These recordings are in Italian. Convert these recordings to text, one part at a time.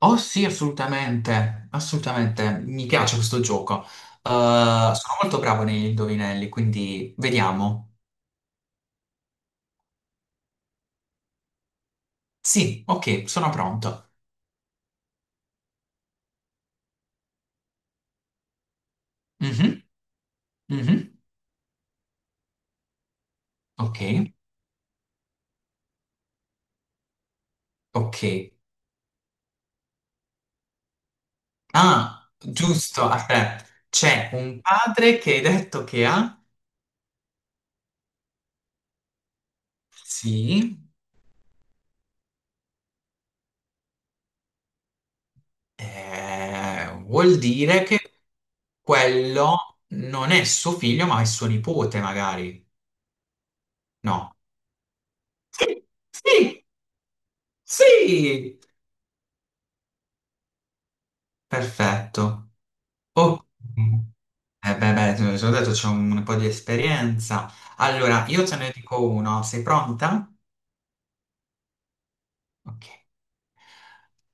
Oh sì, assolutamente, assolutamente, mi piace questo gioco. Sono molto bravo negli indovinelli, quindi vediamo. Sì, ok, sono pronto. Mhm, mhm, ok, ok. Ah, giusto, aspetta, c'è un padre che hai detto che ha? Sì, vuol dire che quello non è suo figlio, ma è suo nipote, magari. No. Sì, sì, sì, perfetto. Oh, eh beh, beh, te l'ho già detto, c'ho un po' di esperienza. Allora, io te ne dico uno. Sei pronta? Ok.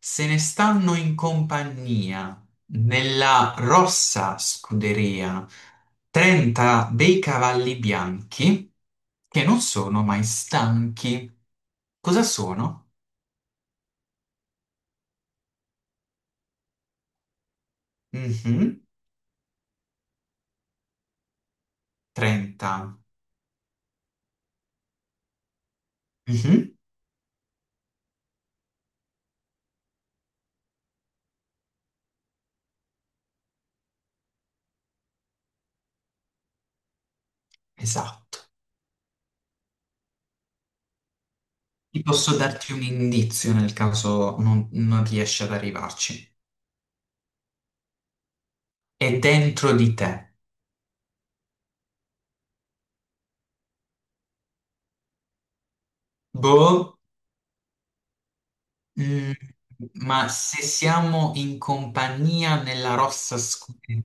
Se ne stanno in compagnia nella rossa scuderia 30 dei cavalli bianchi che non sono mai stanchi. Cosa sono? Mhm, 30. Mhm, esatto. Ti posso darti un indizio nel caso non riesci ad arrivarci. È dentro di te. Boh, mm, ma se siamo in compagnia nella rossa scuderia,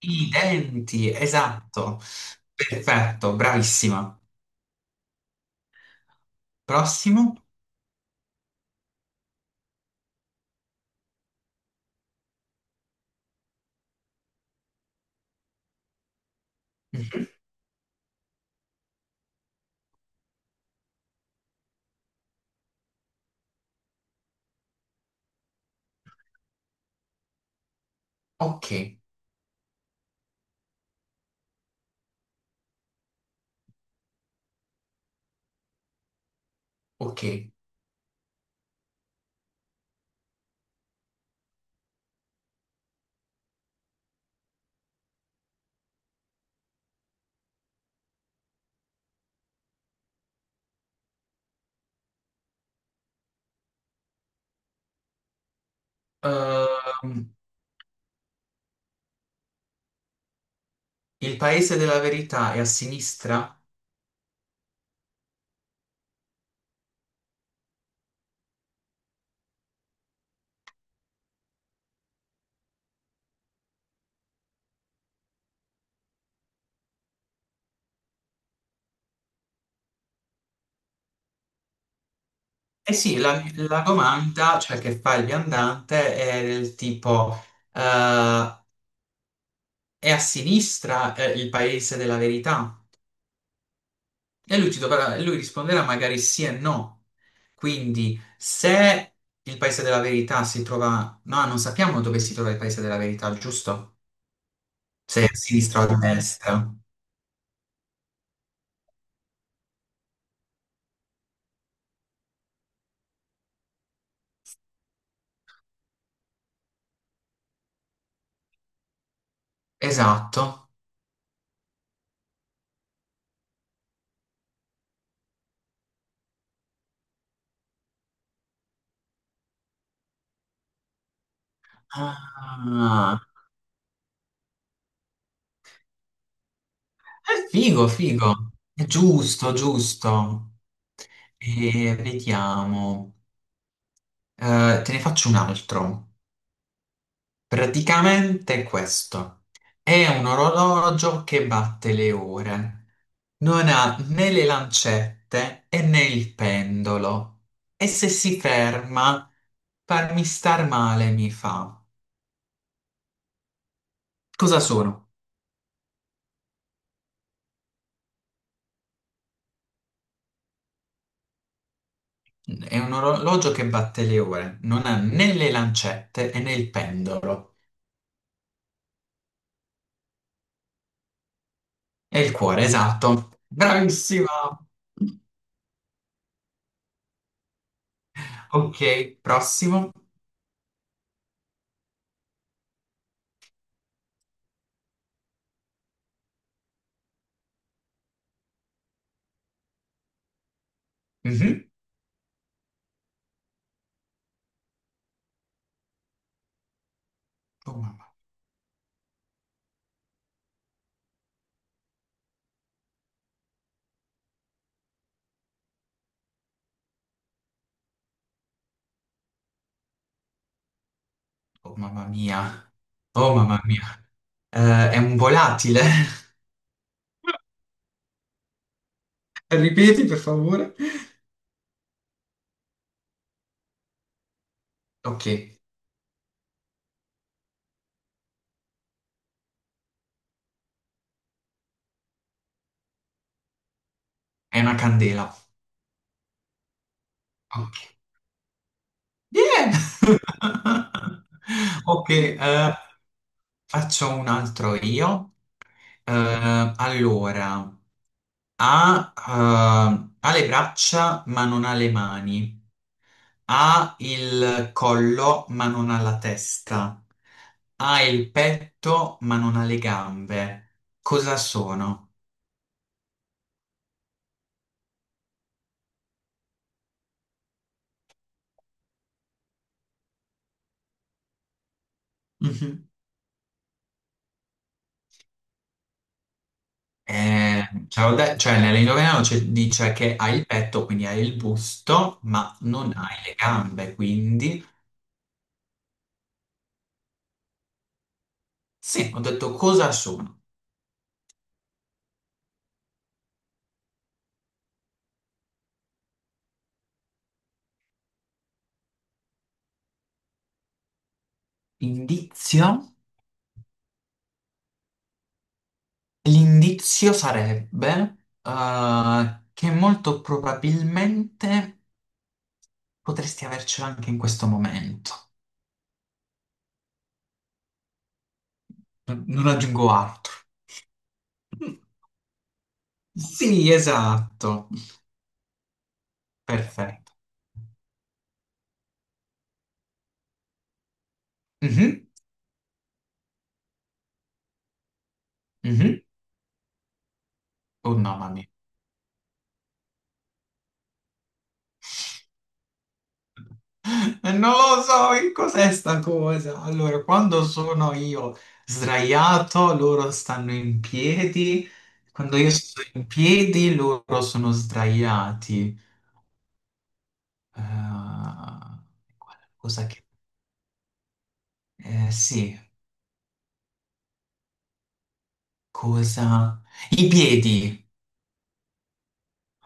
i denti, esatto. Perfetto, bravissima. Prossimo. Mhm. Ok, ok. Ehm, il paese della verità è a sinistra? Eh sì, la domanda, cioè che fa il viandante, è del tipo... eh, è a sinistra, il paese della verità? E lui, ti dovrà- lui risponderà magari sì e no. Quindi, se il paese della verità si trova... No, non sappiamo dove si trova il paese della verità, giusto? Se è a sinistra o a destra. Esatto. Ah, è figo, figo. È giusto, giusto. E vediamo. Te ne faccio un altro. Praticamente è questo. È un orologio che batte le ore. Non ha né le lancette e né il pendolo. E se si ferma, farmi star male mi fa. Cosa sono? È un orologio che batte le ore. Non ha né le lancette e né il pendolo. E il cuore, esatto. Bravissima! Ok, prossimo. Mhm. Oh mamma, oh mamma mia. Oh mamma mia. È un volatile. Ripeti, per favore. Ok, è una candela. Ok. Yeah! Ok, faccio un altro io. Allora, ha le braccia ma non ha le mani. Ha il collo ma non ha la testa. Ha il petto ma non ha le gambe. Cosa sono? Cioè, ho de- cioè, nell'indovinello non c'è- dice che hai il petto, quindi hai il busto, ma non hai le gambe, quindi sì, ho detto cosa sono? Indizio? L'indizio sarebbe che molto probabilmente potresti avercelo anche in questo momento. Non aggiungo altro. Sì, esatto. Perfetto. Mhm, mhm. Oh no, mamma mia. E non lo so che cos'è sta cosa. Allora, quando sono io sdraiato, loro stanno in piedi. Quando io sto in piedi, loro sono sdraiati. Eh, cosa che... sì, cosa... I piedi.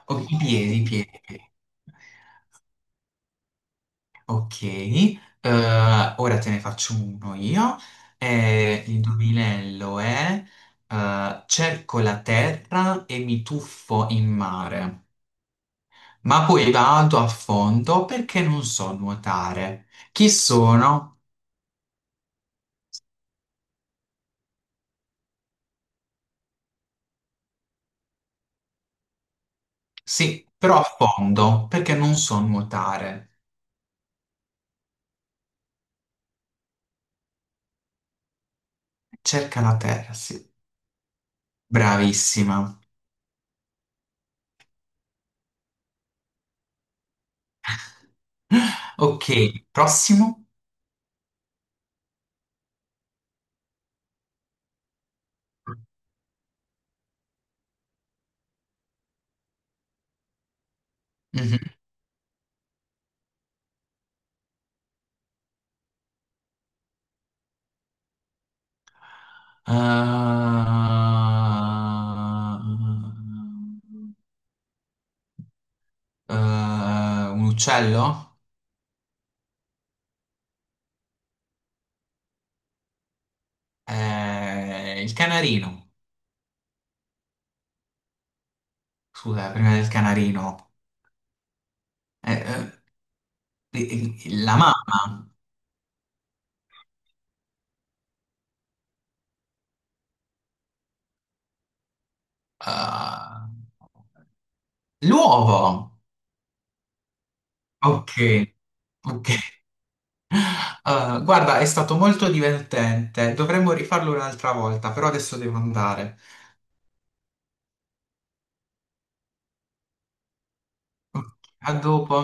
Oh, i piedi, i piedi. Ok, ora te ne faccio uno io. L'indovinello è cerco la terra e mi tuffo in mare, ma poi vado a fondo perché non so nuotare. Chi sono? Sì, però a fondo perché non so nuotare. Cerca la terra, sì. Bravissima. Ok, prossimo. Mhm. Ah, eh, un uccello? Il canarino. Scusa, prima del canarino. Eh, eh, la mamma. Ah, l'uovo. Ok, ok. Ah, guarda, è stato molto divertente. Dovremmo rifarlo un'altra volta, però adesso devo andare. Ok, a dopo.